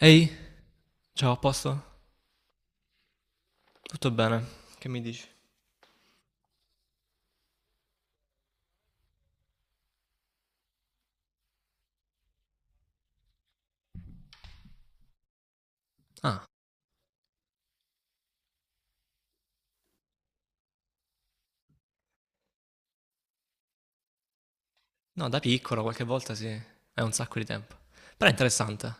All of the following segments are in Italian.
Ehi, ciao, a posto? Tutto bene? Che mi dici? Ah, no, da piccolo qualche volta sì, è un sacco di tempo. Però è interessante.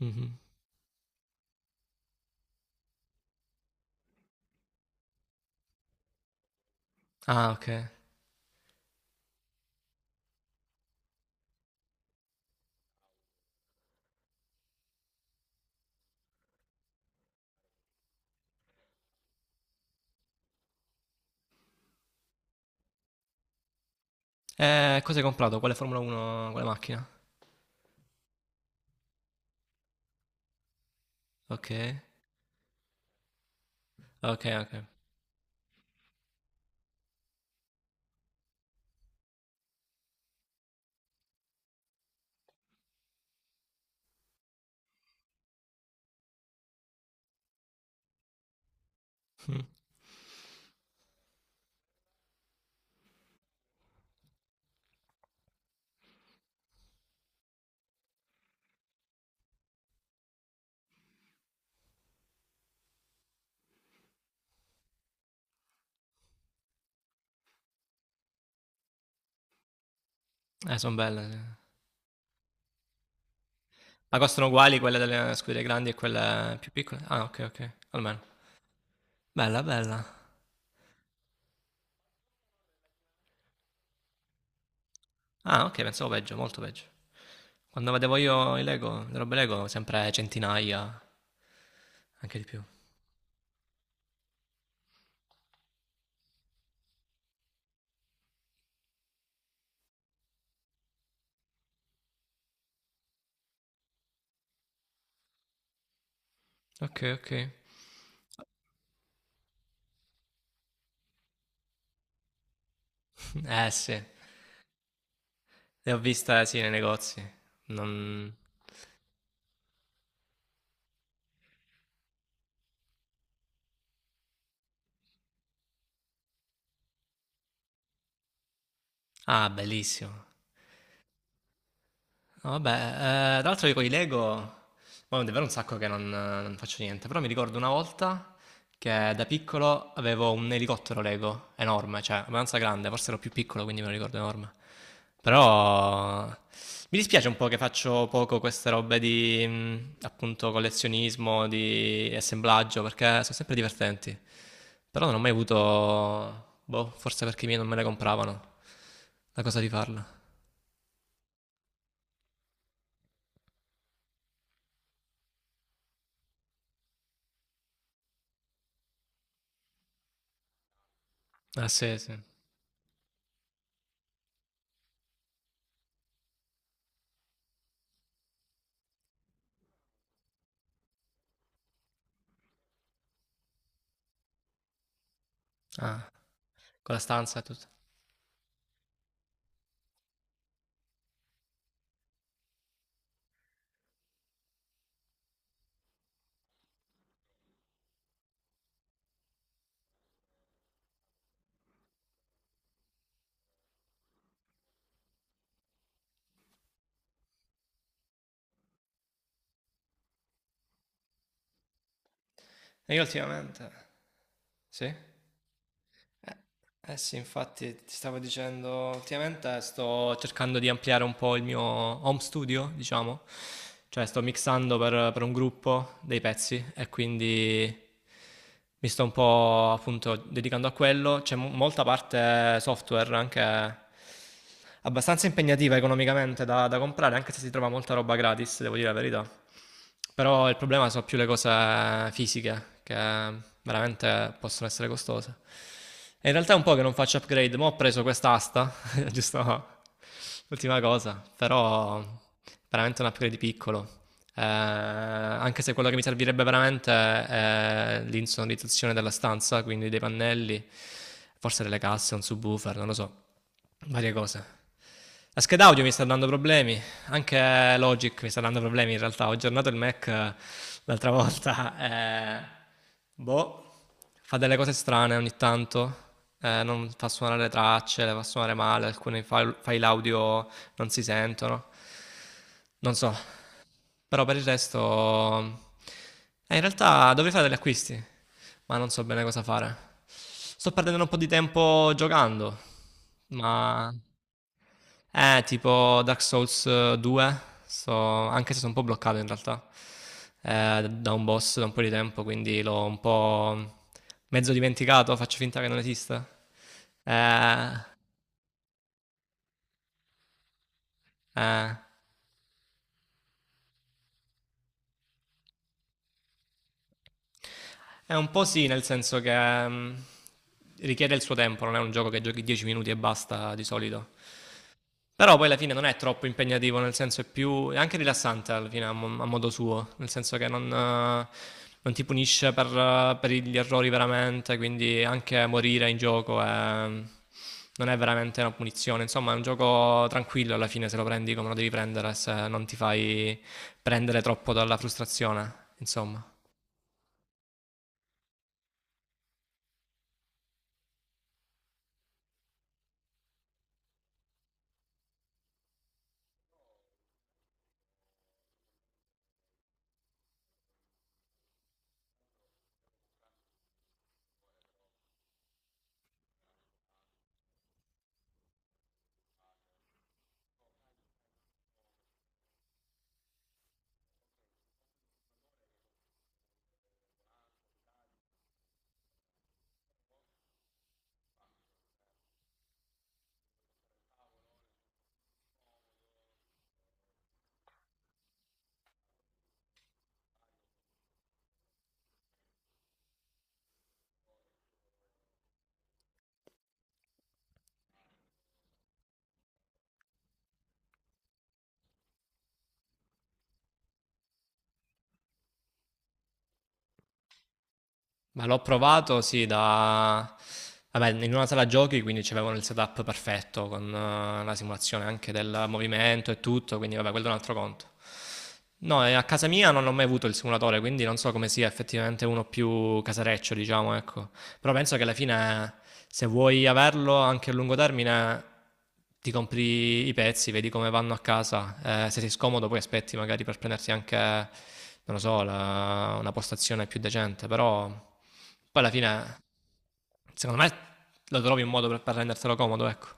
Mhm. Ah, ok. Cosa hai comprato? Quale Formula 1, quale macchina? Ok, ok, ok. Sono belle. Sì. Ma costano uguali quelle delle scuderie grandi e quelle più piccole? Ah, ok, ok, almeno. Bella, bella. Ah, ok, pensavo peggio, molto peggio. Quando vedevo io i Lego, le robe Lego, sempre centinaia, anche di più. Ok, ok. Eh sì. Le ho viste, sì, nei negozi. Non... Ah, bellissimo. No, vabbè, tra l'altro io con i Lego, poi è davvero un sacco che non faccio niente, però mi ricordo una volta che da piccolo avevo un elicottero Lego enorme, cioè abbastanza grande, forse ero più piccolo quindi me lo ricordo enorme. Però mi dispiace un po' che faccio poco queste robe di appunto collezionismo, di assemblaggio, perché sono sempre divertenti. Però non ho mai avuto, boh, forse perché i miei non me le compravano, la cosa di farla. Ah sì, sì. Ah. Con la stanza e tutto. E io ultimamente... Sì? Eh sì, infatti ti stavo dicendo, ultimamente sto cercando di ampliare un po' il mio home studio, diciamo. Cioè sto mixando per un gruppo dei pezzi e quindi mi sto un po' appunto dedicando a quello. C'è mo- molta parte software anche abbastanza impegnativa economicamente da comprare, anche se si trova molta roba gratis, devo dire la verità. Però il problema sono più le cose fisiche, che veramente possono essere costose. E in realtà è un po' che non faccio upgrade, ma ho preso quest'asta, giusto ultima cosa, però veramente un upgrade piccolo. Anche se quello che mi servirebbe veramente è l'insonorizzazione della stanza, quindi dei pannelli, forse delle casse, un subwoofer, non lo so, varie cose. La scheda audio mi sta dando problemi, anche Logic mi sta dando problemi in realtà. Ho aggiornato il Mac l'altra volta. Eh, boh, fa delle cose strane ogni tanto. Non fa suonare le tracce, le fa suonare male. Alcuni file audio non si sentono. Non so. Però per il resto... in realtà dovrei fare degli acquisti, ma non so bene cosa fare. Sto perdendo un po' di tempo giocando, ma... tipo Dark Souls 2, so- anche se sono un po' bloccato in realtà da un boss da un po' di tempo, quindi l'ho un po' mezzo dimenticato, faccio finta che non esista. Eh, eh, è un po' sì, nel senso che richiede il suo tempo, non è un gioco che giochi 10 minuti e basta di solito. Però poi alla fine non è troppo impegnativo, nel senso è più... è anche rilassante alla fine mo- a modo suo, nel senso che non, non ti punisce per gli errori veramente, quindi anche morire in gioco è- non è veramente una punizione, insomma è un gioco tranquillo alla fine se lo prendi come lo devi prendere, se non ti fai prendere troppo dalla frustrazione, insomma. Ma l'ho provato, sì, da... Vabbè, in una sala giochi, quindi c'avevano il setup perfetto, con la simulazione anche del movimento e tutto, quindi vabbè, quello è un altro conto. No, e a casa mia non ho mai avuto il simulatore, quindi non so come sia effettivamente uno più casareccio, diciamo, ecco. Però penso che alla fine se vuoi averlo anche a lungo termine, ti compri i pezzi, vedi come vanno a casa. Se sei scomodo, poi aspetti magari per prenderti anche, non lo so, la- una postazione più decente. Però poi alla fine, secondo me, lo trovi un modo per rendertelo comodo, ecco.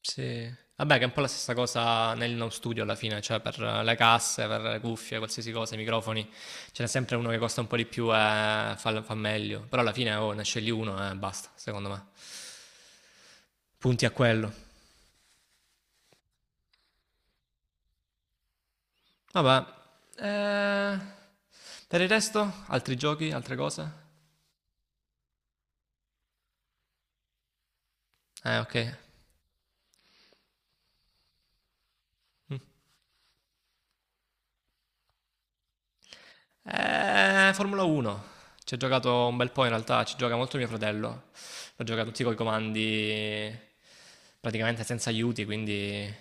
Sì. Vabbè, che è un po' la stessa cosa nel home studio alla fine, cioè per le casse, per le cuffie, qualsiasi cosa, i microfoni. Ce n'è sempre uno che costa un po' di più e fa meglio. Però alla fine oh, ne scegli uno e basta, secondo me. Punti a quello. Vabbè. Eh, per il resto, altri giochi, altre cose? Ok. Mm. Formula 1. Ci ho giocato un bel po' in realtà, ci gioca molto mio fratello. L'ho giocato tutti coi comandi praticamente senza aiuti, quindi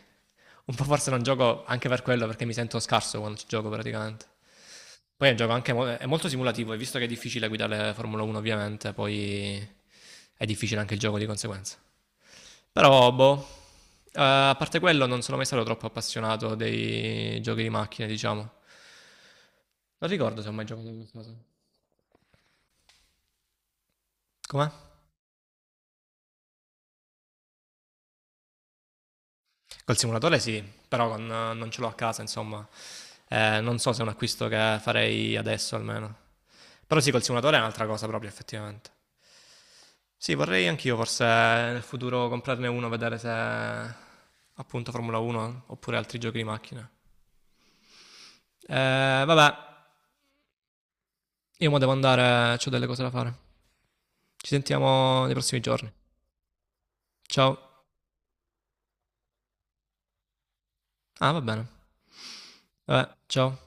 un po' forse non gioco anche per quello perché mi sento scarso quando ci gioco praticamente. Poi è un gioco anche mo- è molto simulativo e visto che è difficile guidare Formula 1 ovviamente, poi è difficile anche il gioco di conseguenza. Però, boh, a parte quello non sono mai stato troppo appassionato dei giochi di macchine, diciamo. Non ricordo se ho mai giocato a qualcosa. Com'è? Col simulatore sì, però con- non ce l'ho a casa, insomma. Non so se è un acquisto che farei adesso almeno. Però sì, col simulatore è un'altra cosa proprio, effettivamente. Sì, vorrei anch'io forse nel futuro comprarne uno, vedere se appunto Formula 1 oppure altri giochi di macchina. Vabbè, io mo devo andare, ho delle cose da fare. Ci sentiamo nei prossimi giorni. Ciao. Ah, va bene. Vabbè, ciao.